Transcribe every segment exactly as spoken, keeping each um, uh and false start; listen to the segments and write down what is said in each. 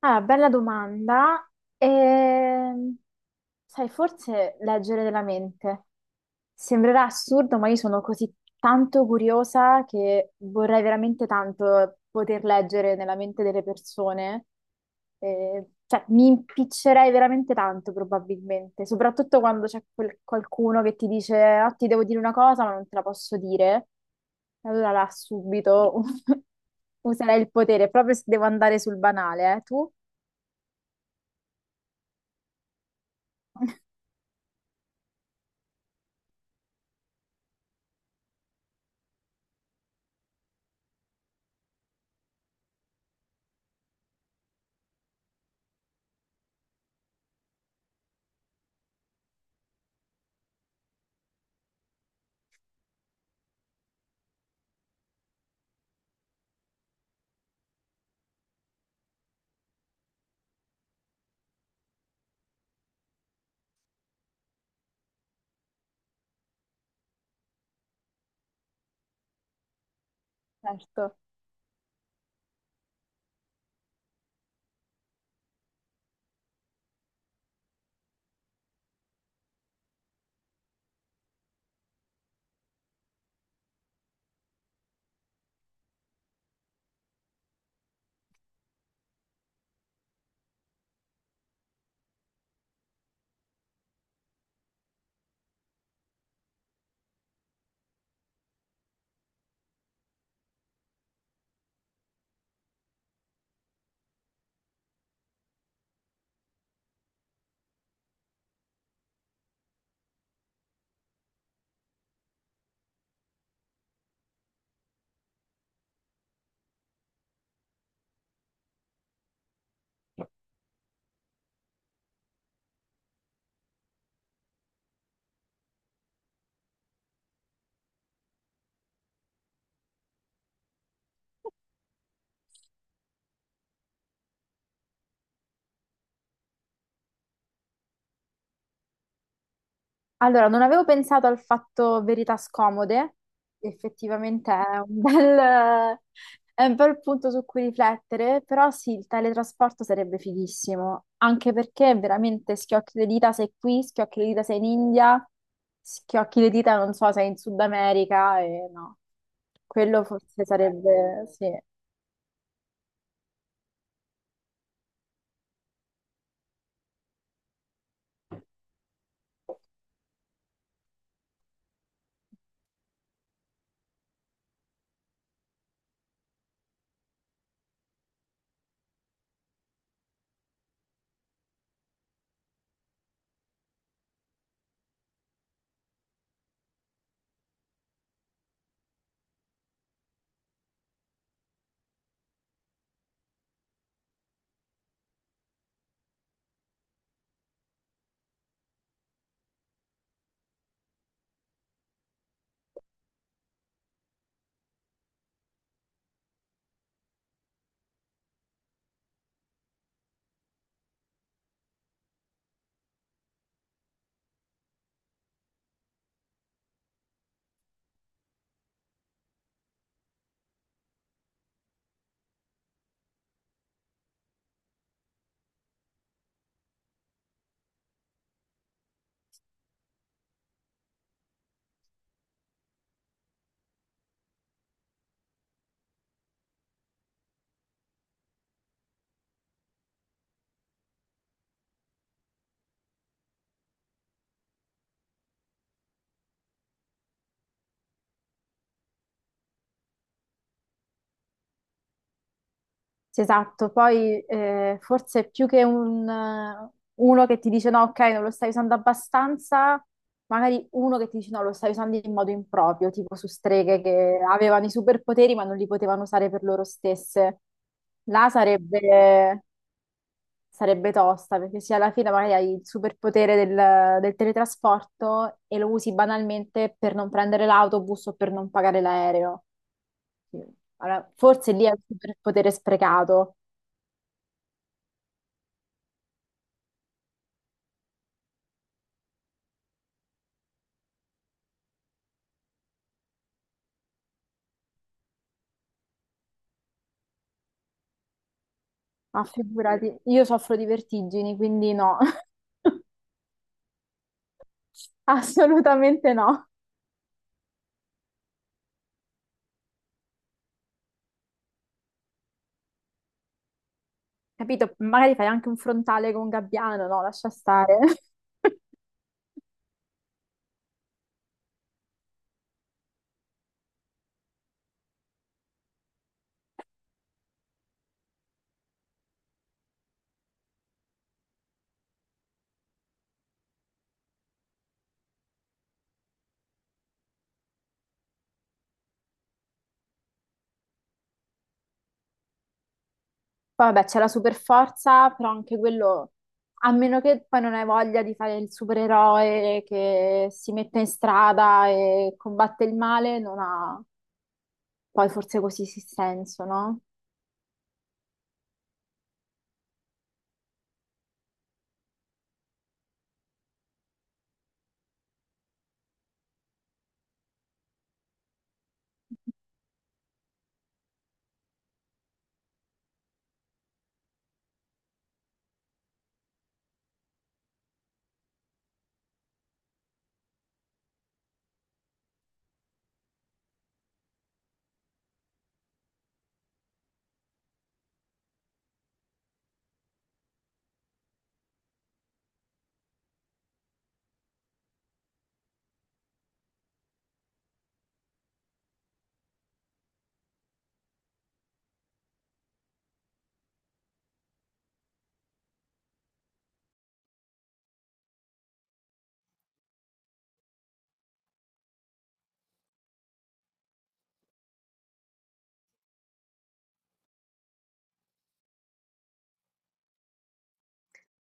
Ah, bella domanda. Ehm, Sai, forse leggere della mente. Sembrerà assurdo, ma io sono così tanto curiosa che vorrei veramente tanto poter leggere nella mente delle persone. Eh, cioè, mi impiccerei veramente tanto, probabilmente, soprattutto quando c'è quel- qualcuno che ti dice: "Ah, ti devo dire una cosa, ma non te la posso dire." Allora là subito userei il potere, proprio se devo andare sul banale, eh, tu? Certo. Allora, non avevo pensato al fatto verità scomode, effettivamente è un bel, è un bel punto su cui riflettere, però sì, il teletrasporto sarebbe fighissimo, anche perché veramente schiocchi le dita sei qui, schiocchi le dita sei in India, schiocchi le dita non so, sei in Sud America e no, quello forse sarebbe, sì. Sì, esatto, poi eh, forse più che un, eh, uno che ti dice no, ok, non lo stai usando abbastanza, magari uno che ti dice no, lo stai usando in modo improprio, tipo su streghe che avevano i superpoteri ma non li potevano usare per loro stesse. Là sarebbe, sarebbe tosta, perché se alla fine magari hai il superpotere del, del teletrasporto e lo usi banalmente per non prendere l'autobus o per non pagare l'aereo. Sì. Allora, forse lì è il superpotere sprecato. Ma figurati, io soffro di vertigini, quindi no, assolutamente no. Capito? Magari fai anche un frontale con un gabbiano, no, lascia stare. Poi vabbè, c'è la super forza, però anche quello, a meno che poi non hai voglia di fare il supereroe che si mette in strada e combatte il male, non ha poi forse così sì senso, no?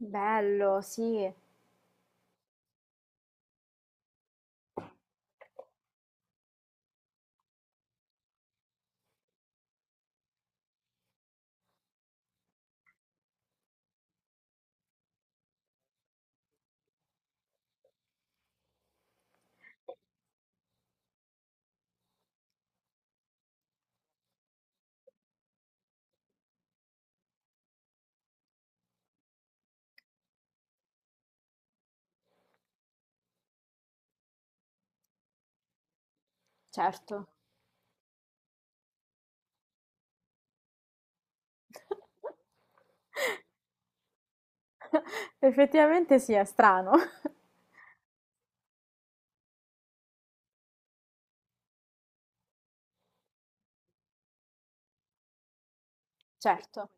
Bello, sì, certo. Effettivamente sì, è strano. Certo.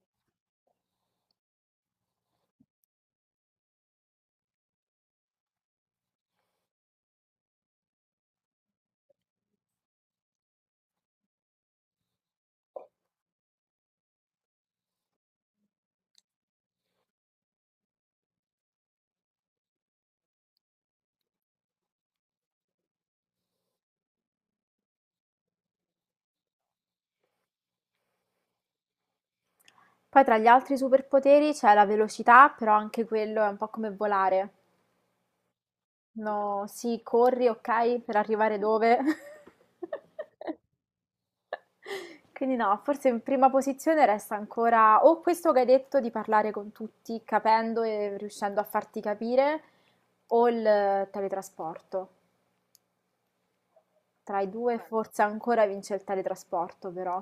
Poi tra gli altri superpoteri c'è la velocità, però anche quello è un po' come volare. No, sì, corri, ok, per arrivare dove? Quindi no, forse in prima posizione resta ancora o questo che hai detto di parlare con tutti, capendo e riuscendo a farti capire, o il teletrasporto. Tra i due forse ancora vince il teletrasporto, però.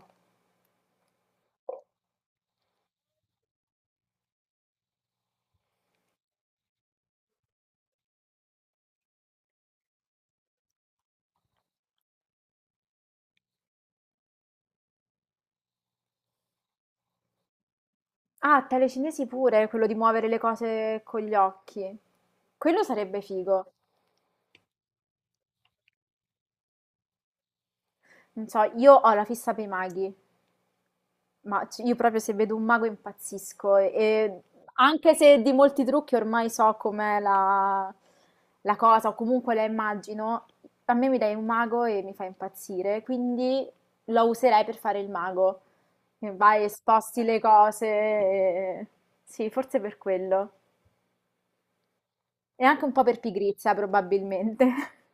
Ah, telecinesi pure, quello di muovere le cose con gli occhi. Quello sarebbe figo. Non so, io ho la fissa per i maghi, ma c- io proprio se vedo un mago impazzisco. E, e anche se di molti trucchi ormai so com'è la, la cosa, o comunque la immagino, a me mi dai un mago e mi fa impazzire, quindi lo userei per fare il mago. E vai e sposti le cose. e- Sì, forse per quello. E anche un po' per pigrizia, probabilmente.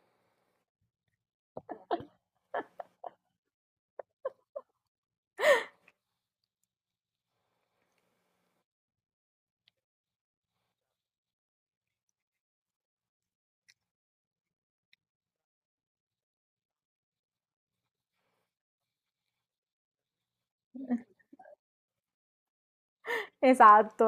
Esatto,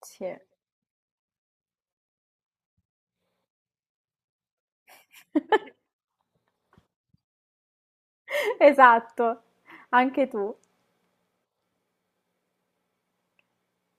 sì. Esatto, anche tu.